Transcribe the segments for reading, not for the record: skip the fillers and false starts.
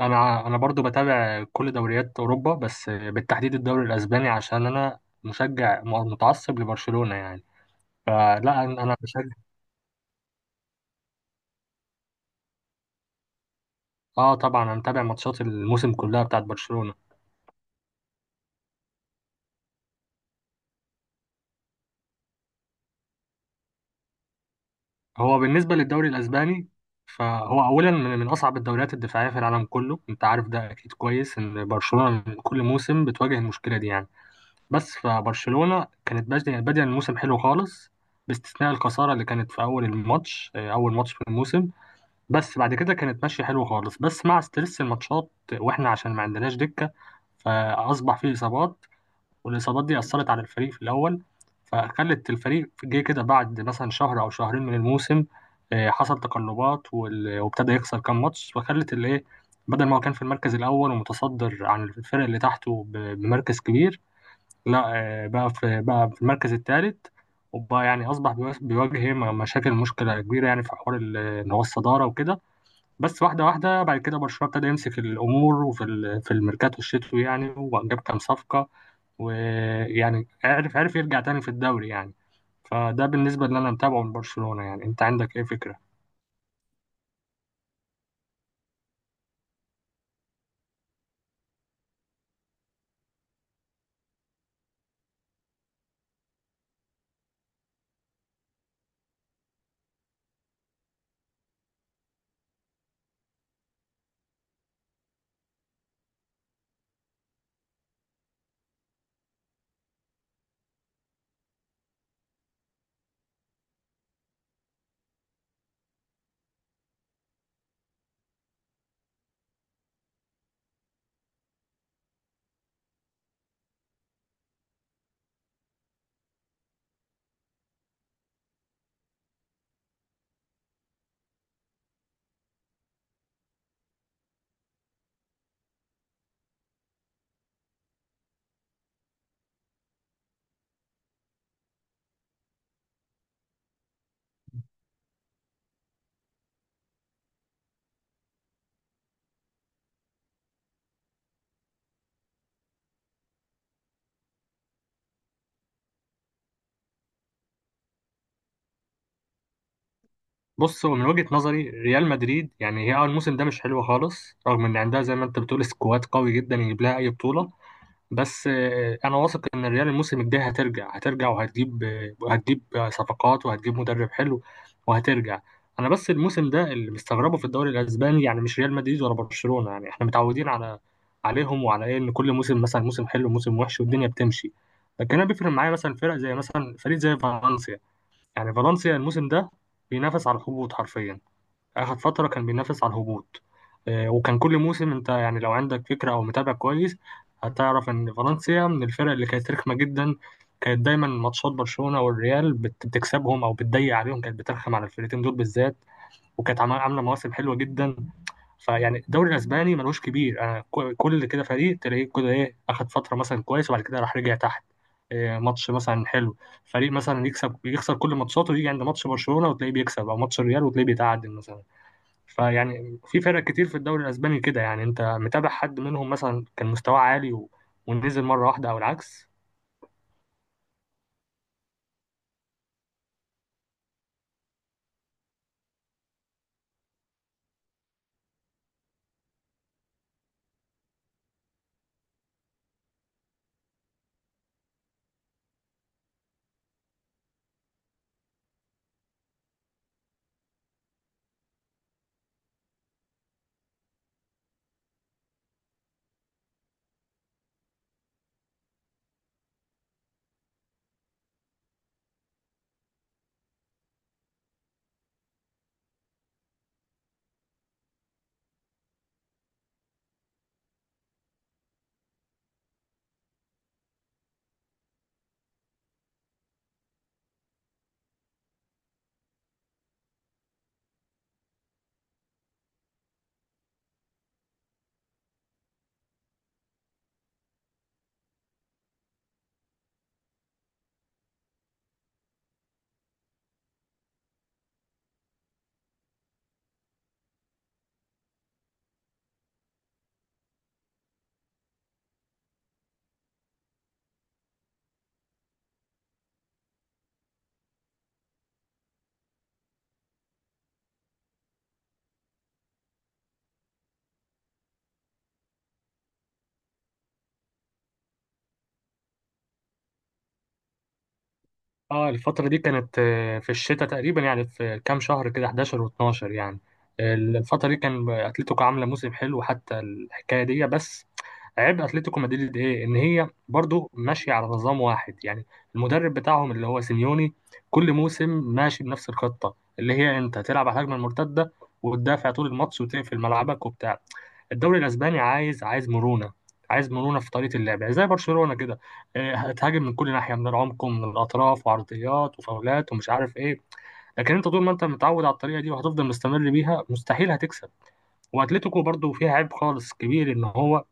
انا برضو بتابع كل دوريات اوروبا، بس بالتحديد الدوري الاسباني عشان انا مشجع متعصب لبرشلونة يعني. فلا، انا بشجع. اه، طبعا انا متابع ماتشات الموسم كلها بتاعت برشلونة. هو بالنسبة للدوري الاسباني، فهو اولا من اصعب الدوريات الدفاعية في العالم كله. انت عارف ده اكيد كويس، ان برشلونة من كل موسم بتواجه المشكلة دي يعني. بس فبرشلونة كانت بادية الموسم حلو خالص، باستثناء الخسارة اللي كانت في اول الماتش. اول ماتش في الموسم. بس بعد كده كانت ماشية حلو خالص، بس مع ستريس الماتشات واحنا عشان ما عندناش دكة، فأصبح فيه إصابات، والإصابات دي أثرت على الفريق في الأول، فخلت الفريق جه كده بعد مثلا شهر أو شهرين من الموسم. حصل تقلبات، وابتدى يخسر كام ماتش، فخلت الإيه، بدل ما هو كان في المركز الأول ومتصدر عن الفرق اللي تحته بمركز كبير، لا، بقى في المركز الثالث، وبقى يعني أصبح بيواجه مشكلة كبيرة، يعني في حوار إن هو الصدارة وكده. بس واحدة واحدة بعد كده برشلونة ابتدى يمسك الأمور، وفي في الميركاتو الشتوي يعني، وجاب كام صفقة، ويعني عرف يرجع تاني في الدوري يعني. فده بالنسبة اللي أنا متابعه من برشلونة يعني. أنت عندك إيه فكرة؟ بص، هو من وجهة نظري ريال مدريد، يعني هي أول الموسم ده مش حلوة خالص، رغم إن عندها زي ما أنت بتقول سكواد قوي جدا يجيب لها أي بطولة. بس انا واثق ان الريال الموسم الجاي هترجع، وهتجيب صفقات، وهتجيب مدرب حلو، وهترجع. انا بس الموسم ده اللي مستغربه في الدوري الاسباني، يعني مش ريال مدريد ولا برشلونة، يعني احنا متعودين عليهم وعلى ايه، ان كل موسم مثلا موسم حلو موسم وحش والدنيا بتمشي. لكن انا بيفرق معايا مثلا فرق، زي مثلا فريق زي فالنسيا. يعني فالنسيا الموسم ده بينافس على الهبوط حرفيا. آخر فترة كان بينافس على الهبوط. وكان كل موسم، أنت يعني لو عندك فكرة أو متابع كويس، هتعرف إن فالنسيا من الفرق اللي كانت رخمة جدا. كانت دايما ماتشات برشلونة والريال بتكسبهم أو بتضيق عليهم، كانت بترخم على الفرقتين دول بالذات، وكانت عاملة مواسم حلوة جدا. فيعني الدوري الأسباني ملوش كبير. أنا كل كده فريق تلاقيه كده إيه، أخد فترة مثلا كويس وبعد كده راح رجع تحت. ماتش مثلا حلو، فريق مثلا يكسب يخسر كل ماتشاته، ويجي عند ماتش برشلونة وتلاقيه بيكسب، او ماتش الريال وتلاقيه بيتعادل مثلا. فيعني في فرق كتير في الدوري الاسباني كده يعني. انت متابع حد منهم مثلا كان مستواه عالي ونزل مره واحده او العكس؟ اه، الفترة دي كانت في الشتاء تقريبا، يعني في كام شهر كده، 11 و12 يعني. الفترة دي كان اتلتيكو عاملة موسم حلو حتى، الحكاية دي بس. عيب اتلتيكو مدريد ايه؟ ان هي برضو ماشية على نظام واحد يعني. المدرب بتاعهم اللي هو سيميوني كل موسم ماشي بنفس الخطة، اللي هي انت تلعب على الهجمة المرتدة وتدافع طول الماتش وتقفل ملعبك وبتاع. الدوري الاسباني عايز، عايز مرونة، عايز مرونة في طريقة اللعب، يعني زي برشلونة كده، هتهاجم من كل ناحيه، من العمق ومن الاطراف وعرضيات وفاولات ومش عارف ايه. لكن انت طول ما انت متعود على الطريقه دي وهتفضل مستمر بيها، مستحيل هتكسب. واتلتيكو برضو فيها عيب خالص كبير، ان هو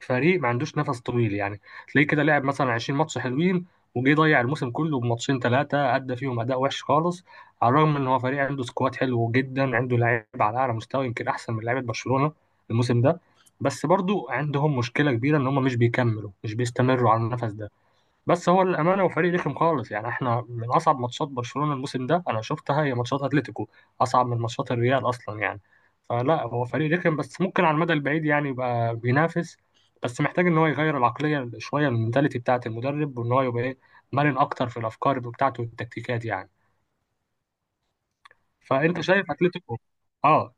فريق ما عندوش نفس طويل يعني. تلاقيه كده لعب مثلا 20 ماتش حلوين، وجه ضيع الموسم كله بماتشين ثلاثه ادى فيهم اداء وحش خالص، على الرغم ان هو فريق عنده سكواد حلو جدا، عنده لعيبه على اعلى مستوى، يمكن احسن من لعيبه برشلونه الموسم ده. بس برضو عندهم مشكله كبيره، ان هم مش بيكملوا، مش بيستمروا على النفس ده. بس هو الامانه وفريق رخم خالص، يعني احنا من اصعب ماتشات برشلونه الموسم ده انا شفتها هي ماتشات اتلتيكو، اصعب من ماتشات الريال اصلا يعني. فلا، هو فريق رخم، بس ممكن على المدى البعيد يعني يبقى بينافس. بس محتاج ان هو يغير العقليه شويه، من المنتاليتي بتاعه المدرب، وان هو يبقى ايه، مرن اكتر في الافكار بتاعته والتكتيكات يعني. فانت شايف اتلتيكو؟ اه.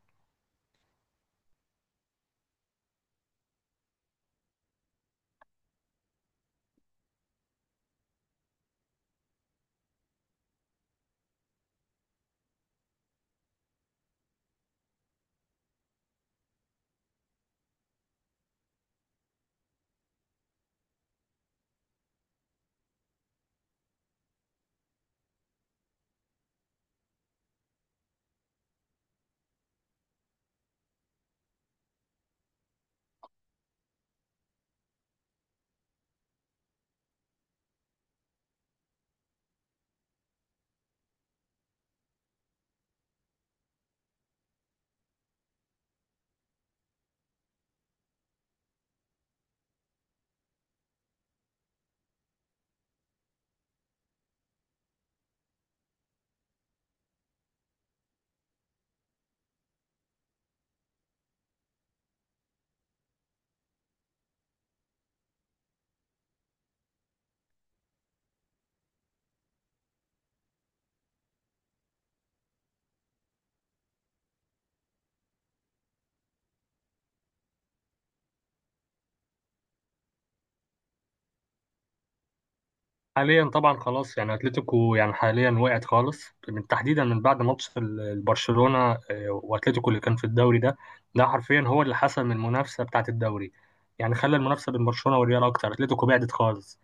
حاليا طبعا خلاص يعني، اتلتيكو يعني حاليا وقعت خالص، تحديدا من بعد ماتش البرشلونه. واتلتيكو اللي كان في الدوري ده، ده حرفيا هو اللي حسم المنافسه بتاعه الدوري. يعني خلى المنافسه بين برشلونه والريال اكتر، اتلتيكو بعدت خالص.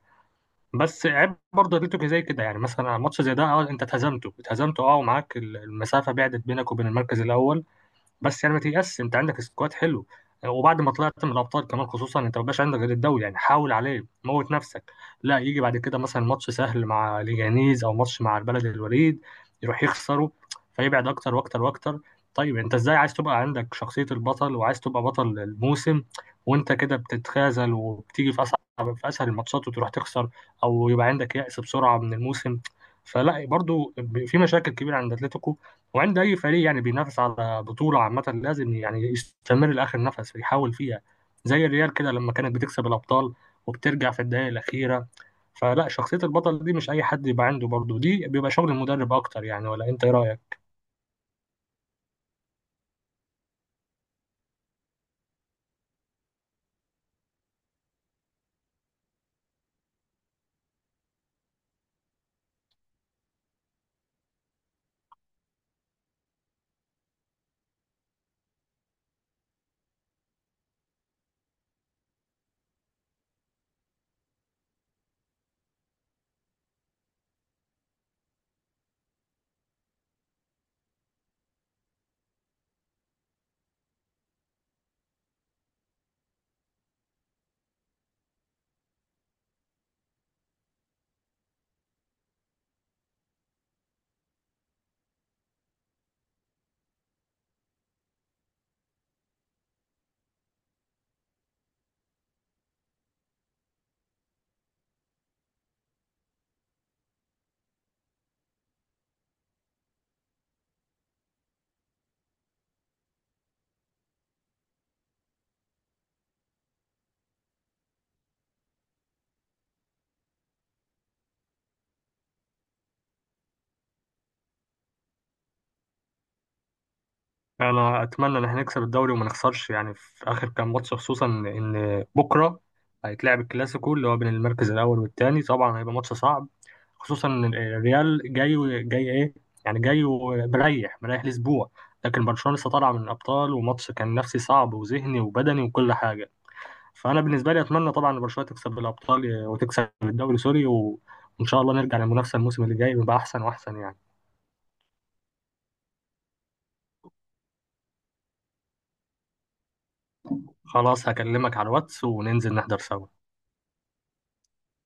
بس عيب برضه اتلتيكو زي كده، يعني مثلا ماتش زي ده، اه انت اتهزمته، اه، ومعاك المسافه بعدت بينك وبين المركز الاول، بس يعني ما تيأس. انت عندك سكواد حلو، وبعد ما طلعت من الابطال كمان، خصوصا انت ما بقاش عندك غير الدوري يعني، حاول عليه موت نفسك. لا، يجي بعد كده مثلا ماتش سهل مع ليجانيز او ماتش مع البلد الوليد، يروح يخسره، فيبعد اكتر واكتر واكتر. طيب انت ازاي عايز تبقى عندك شخصية البطل، وعايز تبقى بطل الموسم، وانت كده بتتخاذل، وبتيجي في في اسهل الماتشات وتروح تخسر، او يبقى عندك يأس بسرعة من الموسم. فلا، برضو في مشاكل كبيرة عند اتلتيكو، وعند اي فريق يعني بينافس على بطوله. عامه لازم يعني يستمر لاخر نفس يحاول فيها، زي الريال كده لما كانت بتكسب الابطال وبترجع في الدقائق الاخيره. فلا، شخصيه البطل دي مش اي حد يبقى عنده، برضه دي بيبقى شغل المدرب اكتر يعني. ولا انت ايه رايك؟ انا اتمنى ان احنا نكسب الدوري وما نخسرش يعني، في اخر كام ماتش، خصوصا ان بكره هيتلعب الكلاسيكو، اللي هو بين المركز الاول والثاني. طبعا هيبقى ماتش صعب، خصوصا إن الريال جاي ايه، يعني جاي ومريح، لاسبوع، لكن برشلونة لسه طالعة من الابطال، وماتش كان نفسي صعب وذهني وبدني وكل حاجة. فانا بالنسبة لي اتمنى طبعا إن برشلونة تكسب الابطال وتكسب الدوري، سوري. وان شاء الله نرجع للمنافسة الموسم اللي جاي، ويبقى احسن واحسن يعني. خلاص، هكلمك على الواتس وننزل نحضر سوا.